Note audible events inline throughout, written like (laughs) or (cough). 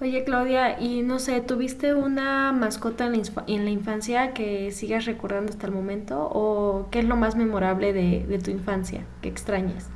Oye Claudia, y no sé, ¿tuviste una mascota en en la infancia que sigas recordando hasta el momento? ¿O qué es lo más memorable de tu infancia que extrañas?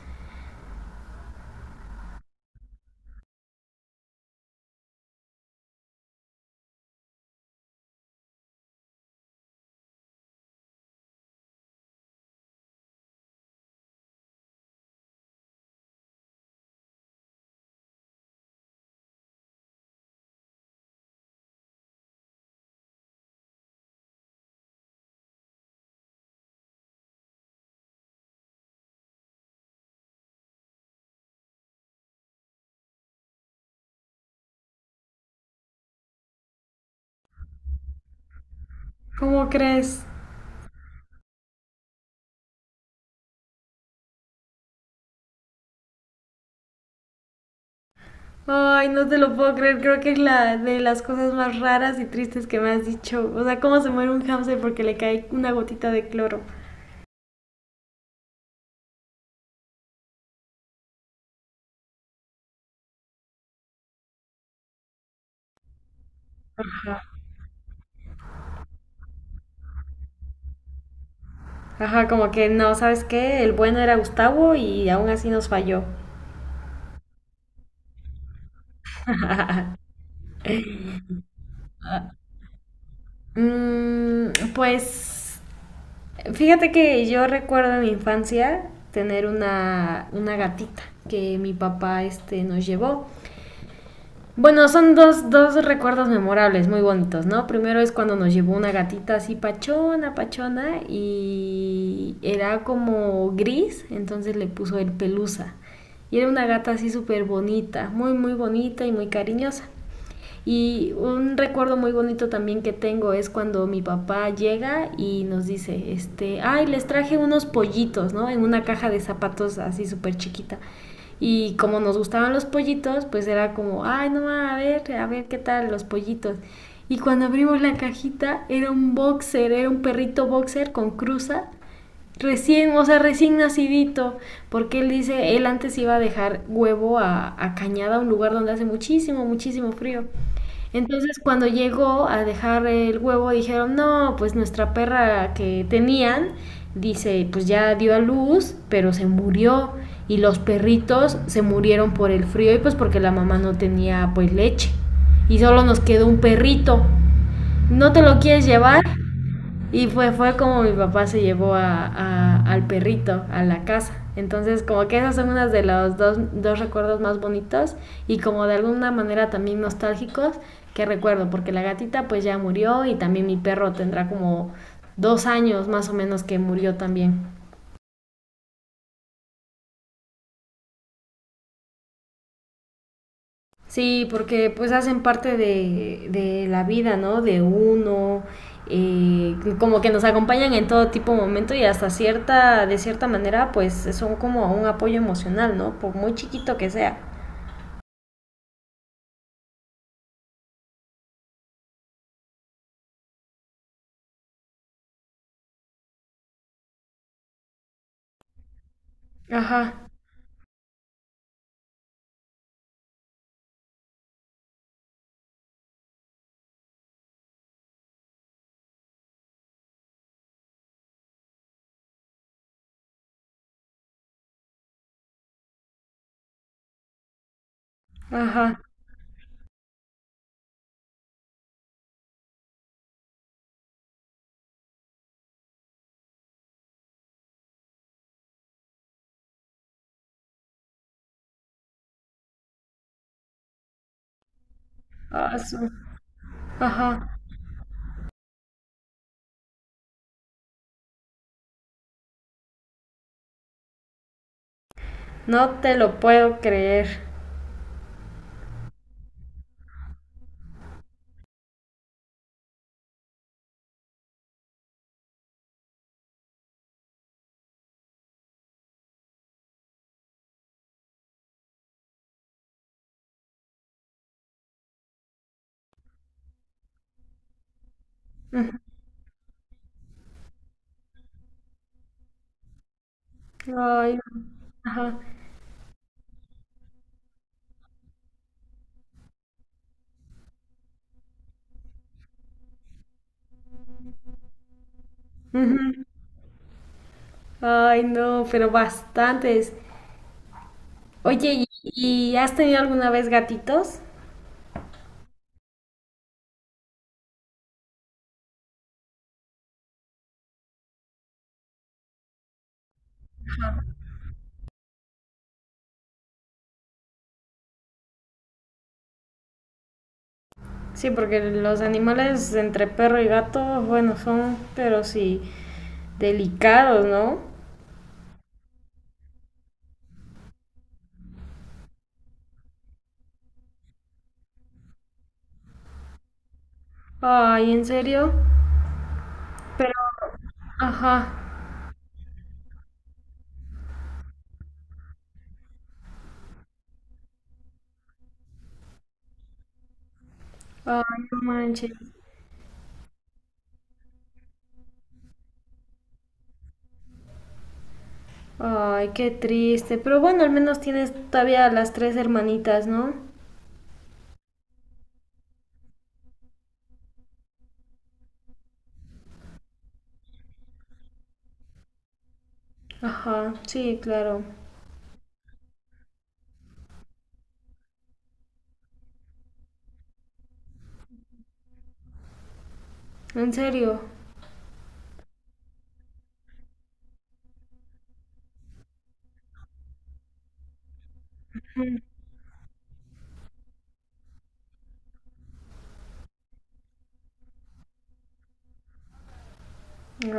¿Cómo crees? Ay, no te lo puedo creer. Creo que es la de las cosas más raras y tristes que me has dicho. O sea, cómo se muere un hámster porque le cae una gotita de cloro. Ajá, como que no, ¿sabes qué? El bueno era Gustavo y aún así nos falló. Mm, pues fíjate que yo recuerdo en mi infancia tener una gatita que mi papá nos llevó. Bueno, son dos recuerdos memorables, muy bonitos, ¿no? Primero es cuando nos llevó una gatita así pachona, pachona, y era como gris, entonces le puso el pelusa. Y era una gata así súper bonita, muy, muy bonita y muy cariñosa. Y un recuerdo muy bonito también que tengo es cuando mi papá llega y nos dice, ay, les traje unos pollitos, ¿no? En una caja de zapatos así súper chiquita. Y como nos gustaban los pollitos, pues era como, ay, no, a ver qué tal los pollitos. Y cuando abrimos la cajita, era un boxer, era un perrito boxer con cruza, recién, o sea, recién nacidito, porque él dice, él antes iba a dejar huevo a Cañada, un lugar donde hace muchísimo, muchísimo frío. Entonces, cuando llegó a dejar el huevo, dijeron, no, pues nuestra perra que tenían, dice, pues ya dio a luz, pero se murió. Y los perritos se murieron por el frío y pues porque la mamá no tenía pues leche. Y solo nos quedó un perrito. ¿No te lo quieres llevar? Y fue como mi papá se llevó a, al perrito a la casa. Entonces, como que esas son unas de los dos recuerdos más bonitos y como de alguna manera también nostálgicos que recuerdo, porque la gatita pues ya murió y también mi perro tendrá como dos años más o menos que murió también. Sí, porque pues hacen parte de la vida, ¿no? De uno, como que nos acompañan en todo tipo de momento y hasta cierta, de cierta manera, pues son como un apoyo emocional, ¿no? Por muy chiquito que sea. Ajá, ajá, ah, su- ajá, no te lo puedo creer. Ay, ajá, ujú. Ay, no, pero bastantes. Oye, ¿y has tenido alguna vez gatitos? Sí, porque los animales entre perro y gato, bueno, son, pero sí, delicados, ¿no? Ay, ¿en serio? Pero, ajá, ay, no manches. Ay, qué triste. Pero bueno, al menos tienes todavía a las tres hermanitas, ¿no? Ajá, sí, claro. En serio.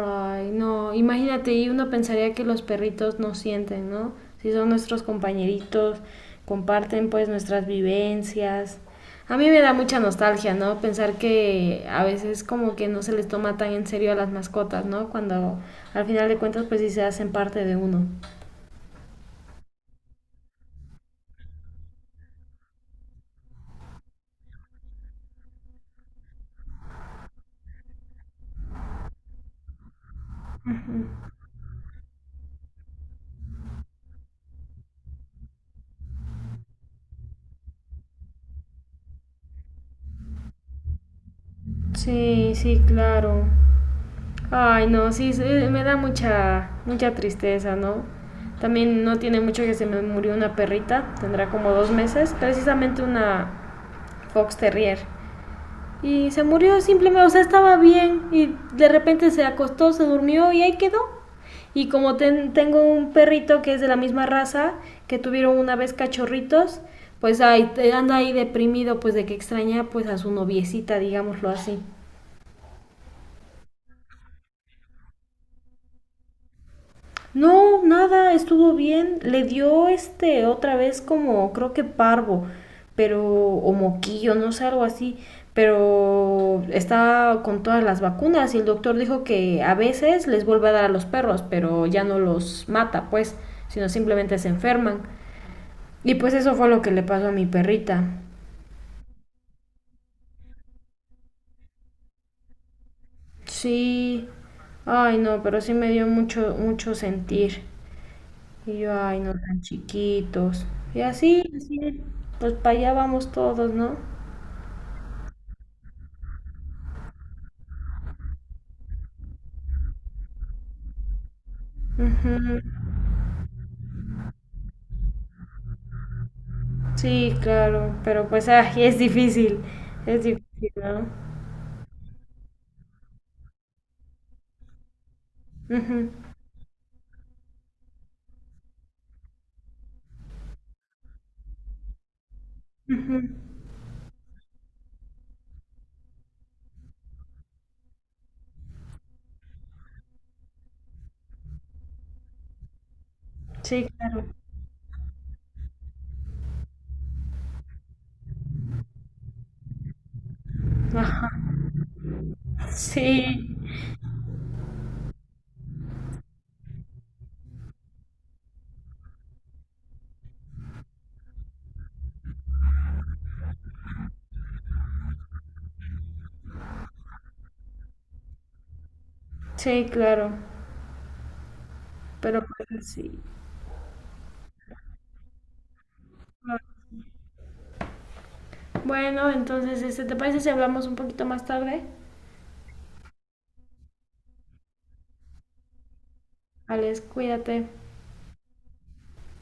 Ay, no, imagínate, y uno pensaría que los perritos no sienten, ¿no? Si son nuestros compañeritos, comparten pues nuestras vivencias. A mí me da mucha nostalgia, ¿no? Pensar que a veces como que no se les toma tan en serio a las mascotas, ¿no? Cuando al final de cuentas pues sí se hacen parte de uno. Sí, sí, claro. Ay, no, sí, sí, me da mucha, mucha tristeza, ¿no? También no tiene mucho que se me murió una perrita, tendrá como dos meses, precisamente una, Fox Terrier. Y se murió simplemente, o sea, estaba bien y de repente se acostó, se durmió y ahí quedó. Y como tengo un perrito que es de la misma raza, que tuvieron una vez cachorritos, pues ahí anda ahí deprimido pues de que extraña pues a su noviecita, digámoslo así. No, nada, estuvo bien. Le dio otra vez como creo que parvo, pero o moquillo, no sé, algo así, pero está con todas las vacunas y el doctor dijo que a veces les vuelve a dar a los perros, pero ya no los mata, pues, sino simplemente se enferman. Y pues eso fue lo que le pasó a mi perrita. Sí. Ay, no, pero sí me dio mucho mucho sentir. Y yo, ay, no tan chiquitos. Y así, así, pues para allá vamos todos, ¿no? Sí, claro, pero pues (laughs) ay, es difícil, ¿no? Ujú, ujú, sí, claro. Ajá, sí, sí, claro, pero pues sí. Bueno, entonces, ¿te parece si hablamos un poquito más tarde? Alex, cuídate.